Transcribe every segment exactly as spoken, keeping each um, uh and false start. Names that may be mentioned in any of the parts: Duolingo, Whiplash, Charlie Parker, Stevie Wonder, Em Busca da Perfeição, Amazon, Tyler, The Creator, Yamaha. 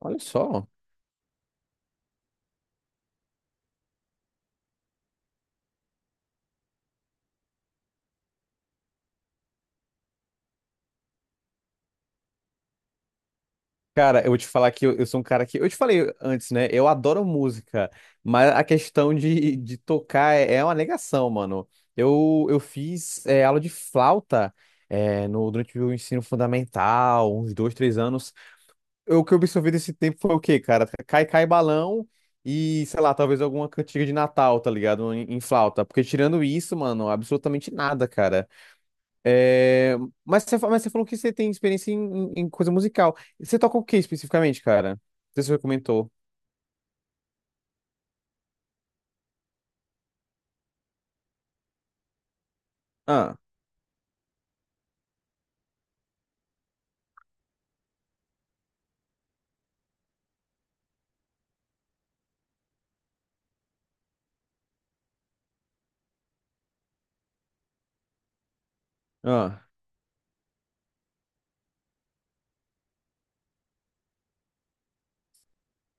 Olha só. Cara, eu vou te falar que eu, eu sou um cara que. Eu te falei antes, né? Eu adoro música, mas a questão de, de tocar é, é uma negação, mano. Eu, eu fiz é, aula de flauta é, no, durante o ensino fundamental, uns dois, três anos. Eu- O que eu absorvi desse tempo foi o quê, cara? Cai, cai balão e, sei lá, talvez alguma cantiga de Natal, tá ligado? Em, em flauta. Porque tirando isso, mano, absolutamente nada, cara. É, mas você, fa- mas você falou que você tem experiência em, em- em coisa musical. Você toca o que especificamente, cara? Não sei se você comentou. Ah, ah.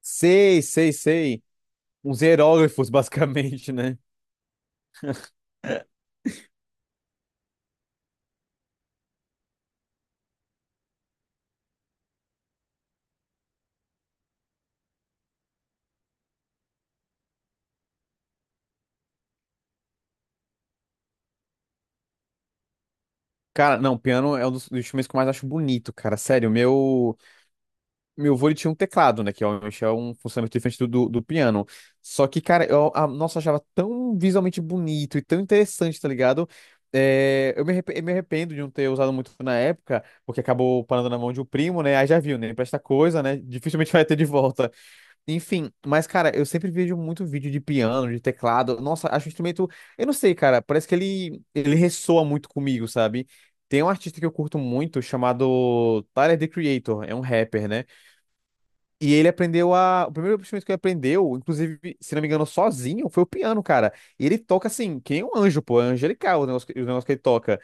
Sei, sei, sei. Uns hieróglifos, basicamente, né? Cara, não, piano é um dos instrumentos que eu mais acho bonito, cara. Sério, o meu. Meu vô ele tinha um teclado, né? Que obviamente é um funcionamento diferente do, do, do piano. Só que, cara, eu, a, nossa, eu achava tão visualmente bonito e tão interessante, tá ligado? É, eu me, arrepe- me arrependo de não ter usado muito na época, porque acabou parando na mão de um primo, né? Aí já viu, né? Empresta coisa, né? Dificilmente vai ter de volta. Enfim, mas, cara, eu sempre vejo muito vídeo de piano, de teclado. Nossa, acho o instrumento. Eu não sei, cara, parece que ele, ele ressoa muito comigo, sabe? Tem um artista que eu curto muito chamado Tyler, The Creator, é um rapper, né? E ele aprendeu a. O primeiro instrumento que ele aprendeu, inclusive, se não me engano, sozinho, foi o piano, cara. E ele toca assim, que nem um anjo, pô, é angelical o negócio, que- o negócio que ele toca.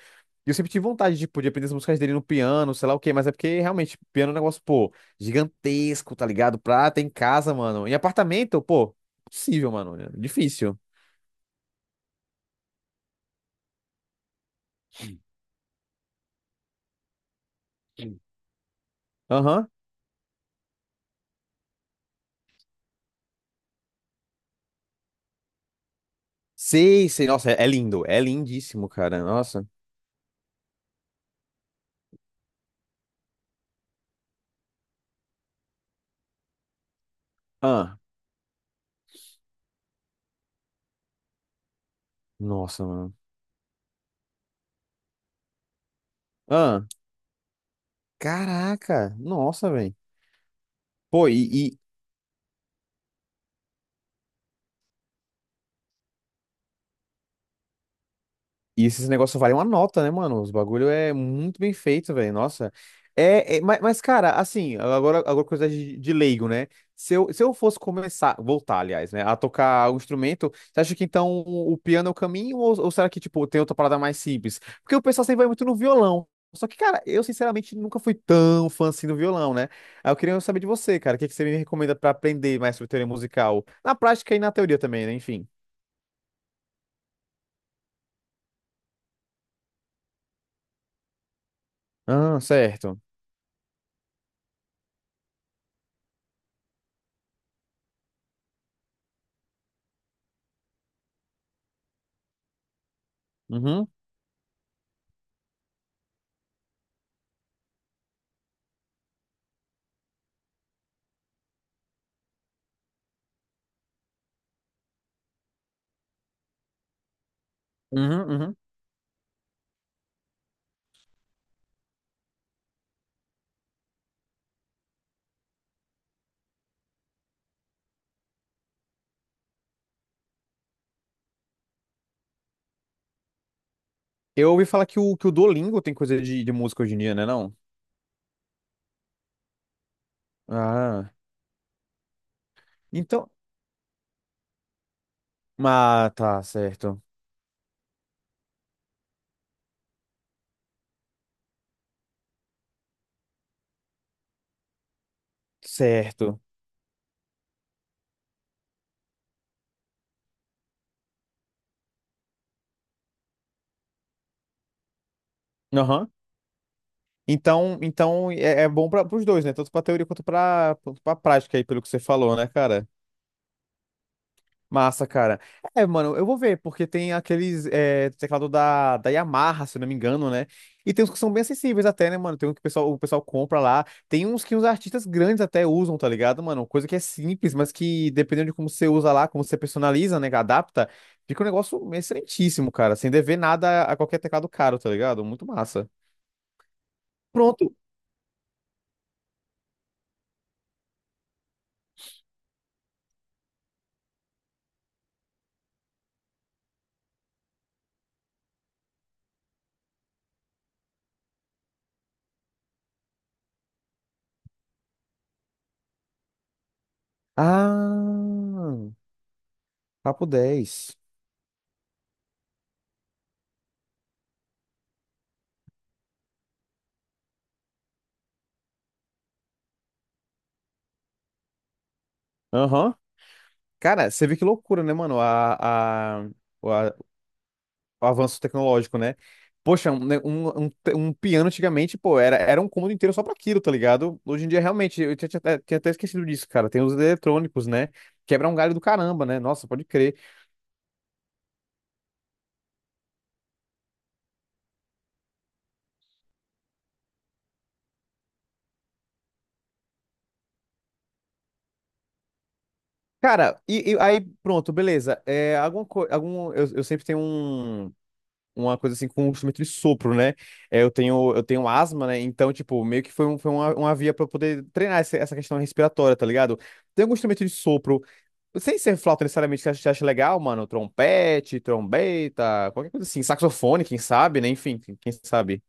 E eu sempre tive vontade, tipo, de aprender as músicas dele no piano, sei lá o quê, mas é porque realmente, piano é um negócio, pô, gigantesco, tá ligado? Pra ter em casa, mano. Em apartamento, pô, impossível, mano. é Difícil. Aham. Sei, sei. Nossa, é é lindo. É lindíssimo, cara. Nossa. Ah, nossa, mano. Ah, caraca. Nossa, velho. Pô, e, E esses negócios valem uma nota, né, mano? Os bagulho é muito bem feito, velho. Nossa. É, é- mas, mas, cara, assim, agora, agora coisa de, de leigo, né? Se eu, se eu fosse começar, voltar, aliás, né, a tocar o instrumento, você acha que então o piano é o caminho ou, ou será que, tipo, tem outra parada mais simples? Porque o pessoal sempre vai muito no violão. Só que, cara, eu sinceramente nunca fui tão fã assim do violão, né? Aí eu queria saber de você, cara, o que, que você me recomenda pra aprender mais sobre teoria musical? Na prática e na teoria também, né? Enfim. Ah, certo. Uhum, uhum, uhum. Eu ouvi falar que o, que o Duolingo tem coisa de, de música hoje em dia, né, não? Ah, então. Ah, tá, certo. Certo. Aham. Então, então é, é bom para os dois, né? Tanto pra teoria quanto pra, pra prática aí, pelo que você falou, né, cara? Massa, cara. É, mano, eu vou ver, porque tem aqueles é, teclado da, da Yamaha, se eu não me engano, né? E tem uns que são bem acessíveis até, né, mano? Tem um que o pessoal, o pessoal compra lá. Tem uns que uns artistas grandes até usam, tá ligado, mano? Coisa que é simples, mas que dependendo de como você usa lá, como você personaliza, né, que adapta, fica um negócio excelentíssimo, cara. Sem dever nada a qualquer teclado caro, tá ligado? Muito massa. Pronto. Ah, papo dez. Aham. Cara, você vê que loucura, né, mano? A, a, a, avanço tecnológico, né? Poxa, um, né, um, um, te- um piano antigamente, pô, era, era um cômodo inteiro só pra aquilo, tá ligado? Hoje em dia, realmente, eu tinha, tinha até tinha até esquecido disso, cara. Tem os eletrônicos, né? Quebra um galho do caramba, né? Nossa, pode crer. Cara, e, e aí, pronto, beleza. É, alguma co- algum, eu, eu sempre tenho um, uma coisa assim com um instrumento de sopro, né? É, eu tenho, eu tenho asma, né? Então, tipo, meio que foi, um, foi uma, uma via pra eu poder treinar essa, essa questão respiratória, tá ligado? Tem algum instrumento de sopro sem ser flauta necessariamente que a gente acha legal, mano. Trompete, trombeta, qualquer coisa assim. Saxofone, quem sabe, né? Enfim, quem quem sabe.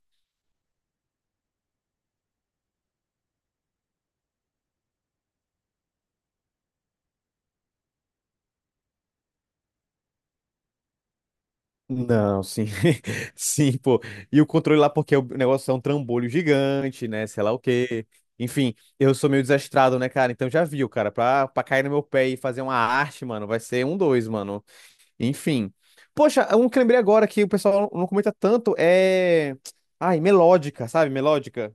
Não, sim. Sim, pô. E o controle lá, porque o negócio é um trambolho gigante, né? Sei lá o quê. Enfim, eu sou meio desastrado, né, cara? Então já viu, cara. Pra, pra cair no meu pé e fazer uma arte, mano, vai ser um dois, mano. Enfim. Poxa, um que lembrei agora que o pessoal não comenta tanto é. Ai, melódica, sabe? Melódica.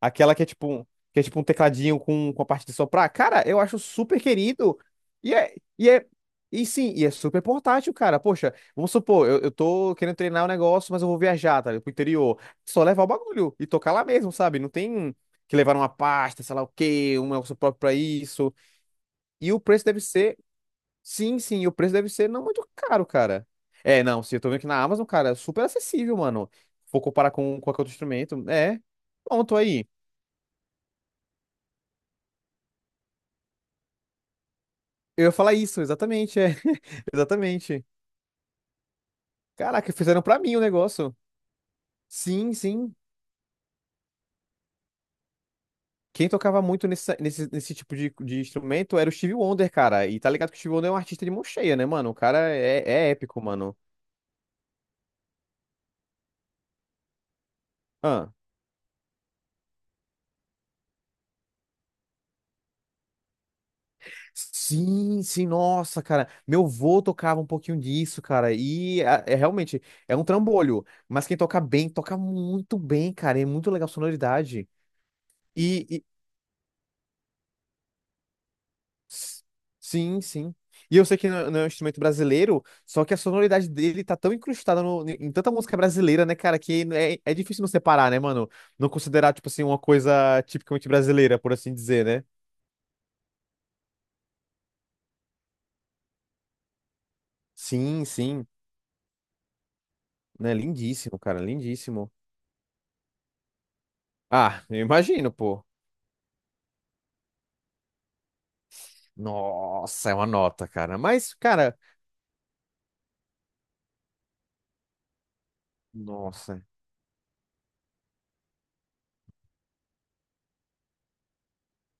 Aquela que é tipo um, que é tipo um tecladinho com, com a parte de soprar. Cara, eu acho super querido. E é, e é, e sim, e é super portátil, cara. Poxa, vamos supor, eu, eu tô querendo treinar o um negócio, mas eu vou viajar, tá? ligado? Pro interior. Só levar o bagulho e tocar lá mesmo, sabe? Não tem que levar uma pasta, sei lá o quê, um negócio próprio pra isso. E o preço deve ser, sim, sim, e o preço deve ser não muito caro, cara. É, não, se eu tô vendo aqui na Amazon, cara, é super acessível, mano. Vou comparar com com qualquer outro instrumento. É, pronto aí. Eu ia falar isso, exatamente, é. Exatamente. Caraca, fizeram pra mim o negócio. Sim, sim. Quem tocava muito nesse, nesse, nesse tipo de, de instrumento era o Stevie Wonder, cara. E tá ligado que o Stevie Wonder é um artista de mão cheia, né, mano? O cara é, é épico, mano. Ah. Sim, sim, nossa, cara. Meu vô tocava um pouquinho disso, cara. E é, é realmente, é um trambolho. Mas quem toca bem, toca muito bem, cara. É muito legal a sonoridade. E S- Sim, sim. E eu sei que não é, não é um instrumento brasileiro, só que a sonoridade dele tá tão incrustada no- em tanta música brasileira, né, cara, que é, é difícil não separar, né, mano? Não considerar, tipo assim, uma coisa tipicamente brasileira, por assim dizer, né? Sim, sim. Né, lindíssimo, cara, lindíssimo. Ah, eu imagino, pô. Nossa, é uma nota, cara. Mas, cara, nossa.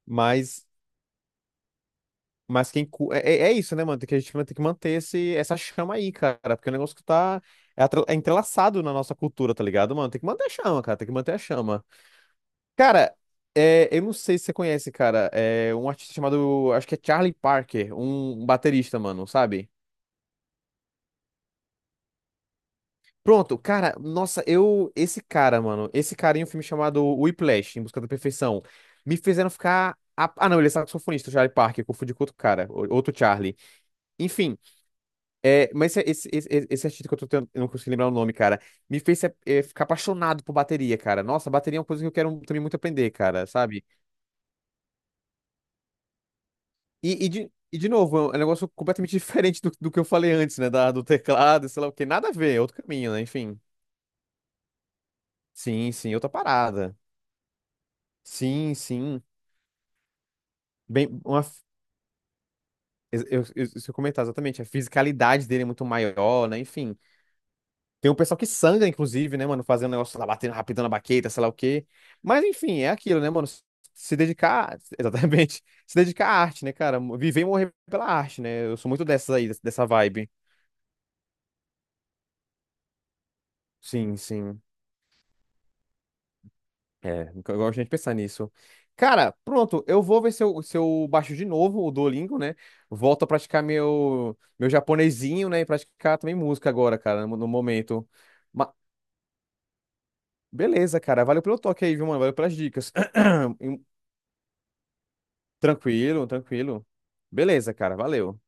Mas. Mas quem. Cu- É, é é isso, né, mano? Tem que, a gente vai ter que manter esse, essa chama aí, cara. Porque é um negócio que tá. É atra- é entrelaçado na nossa cultura, tá ligado, mano? Tem que manter a chama, cara. Tem que manter a chama. Cara, é, eu não sei se você conhece, cara. É um artista chamado. Acho que é Charlie Parker, um baterista, mano, sabe? Pronto, cara. Nossa, eu. Esse cara, mano. Esse cara em um filme chamado Whiplash, Em Busca da Perfeição. Me fizeram ficar. a- Ah, não, ele é saxofonista, o Charlie Parker. Eu Confundi com outro cara, o- outro Charlie. Enfim. É, mas é esse, esse, esse, esse artista que eu tô tendo, eu não consigo lembrar o nome, cara, me fez eh, ficar apaixonado por bateria, cara. Nossa, bateria é uma coisa que eu quero também muito aprender, cara, sabe? E, e, de, e de novo, é um é um negócio completamente diferente do, do que eu falei antes, né? Da, do teclado, sei lá o quê. Nada a ver, é outro caminho, né? Enfim. Sim, sim, outra parada. Sim, sim. Bem, uma, f- eu, eu, eu, se eu comentar exatamente, a fisicalidade dele é muito maior, né? Enfim. Tem um pessoal que sangra, inclusive, né, mano? Fazendo negócio lá, batendo rapidão na baqueta, sei lá o quê. Mas, enfim, é aquilo, né, mano? Se dedicar, exatamente, se dedicar à arte, né, cara? Viver e morrer pela arte, né? Eu sou muito dessas aí, dessa vibe. Sim, sim. É, eu gosto de gente pensar nisso. Cara, pronto, eu vou ver se eu, se eu baixo de novo o Duolingo, né? Volto a praticar meu, meu japonesinho, né? E praticar também música agora, cara, no, no momento. Ma- Beleza, cara. Valeu pelo toque aí, viu, mano? Valeu pelas dicas. Tranquilo, tranquilo. Beleza, cara, valeu.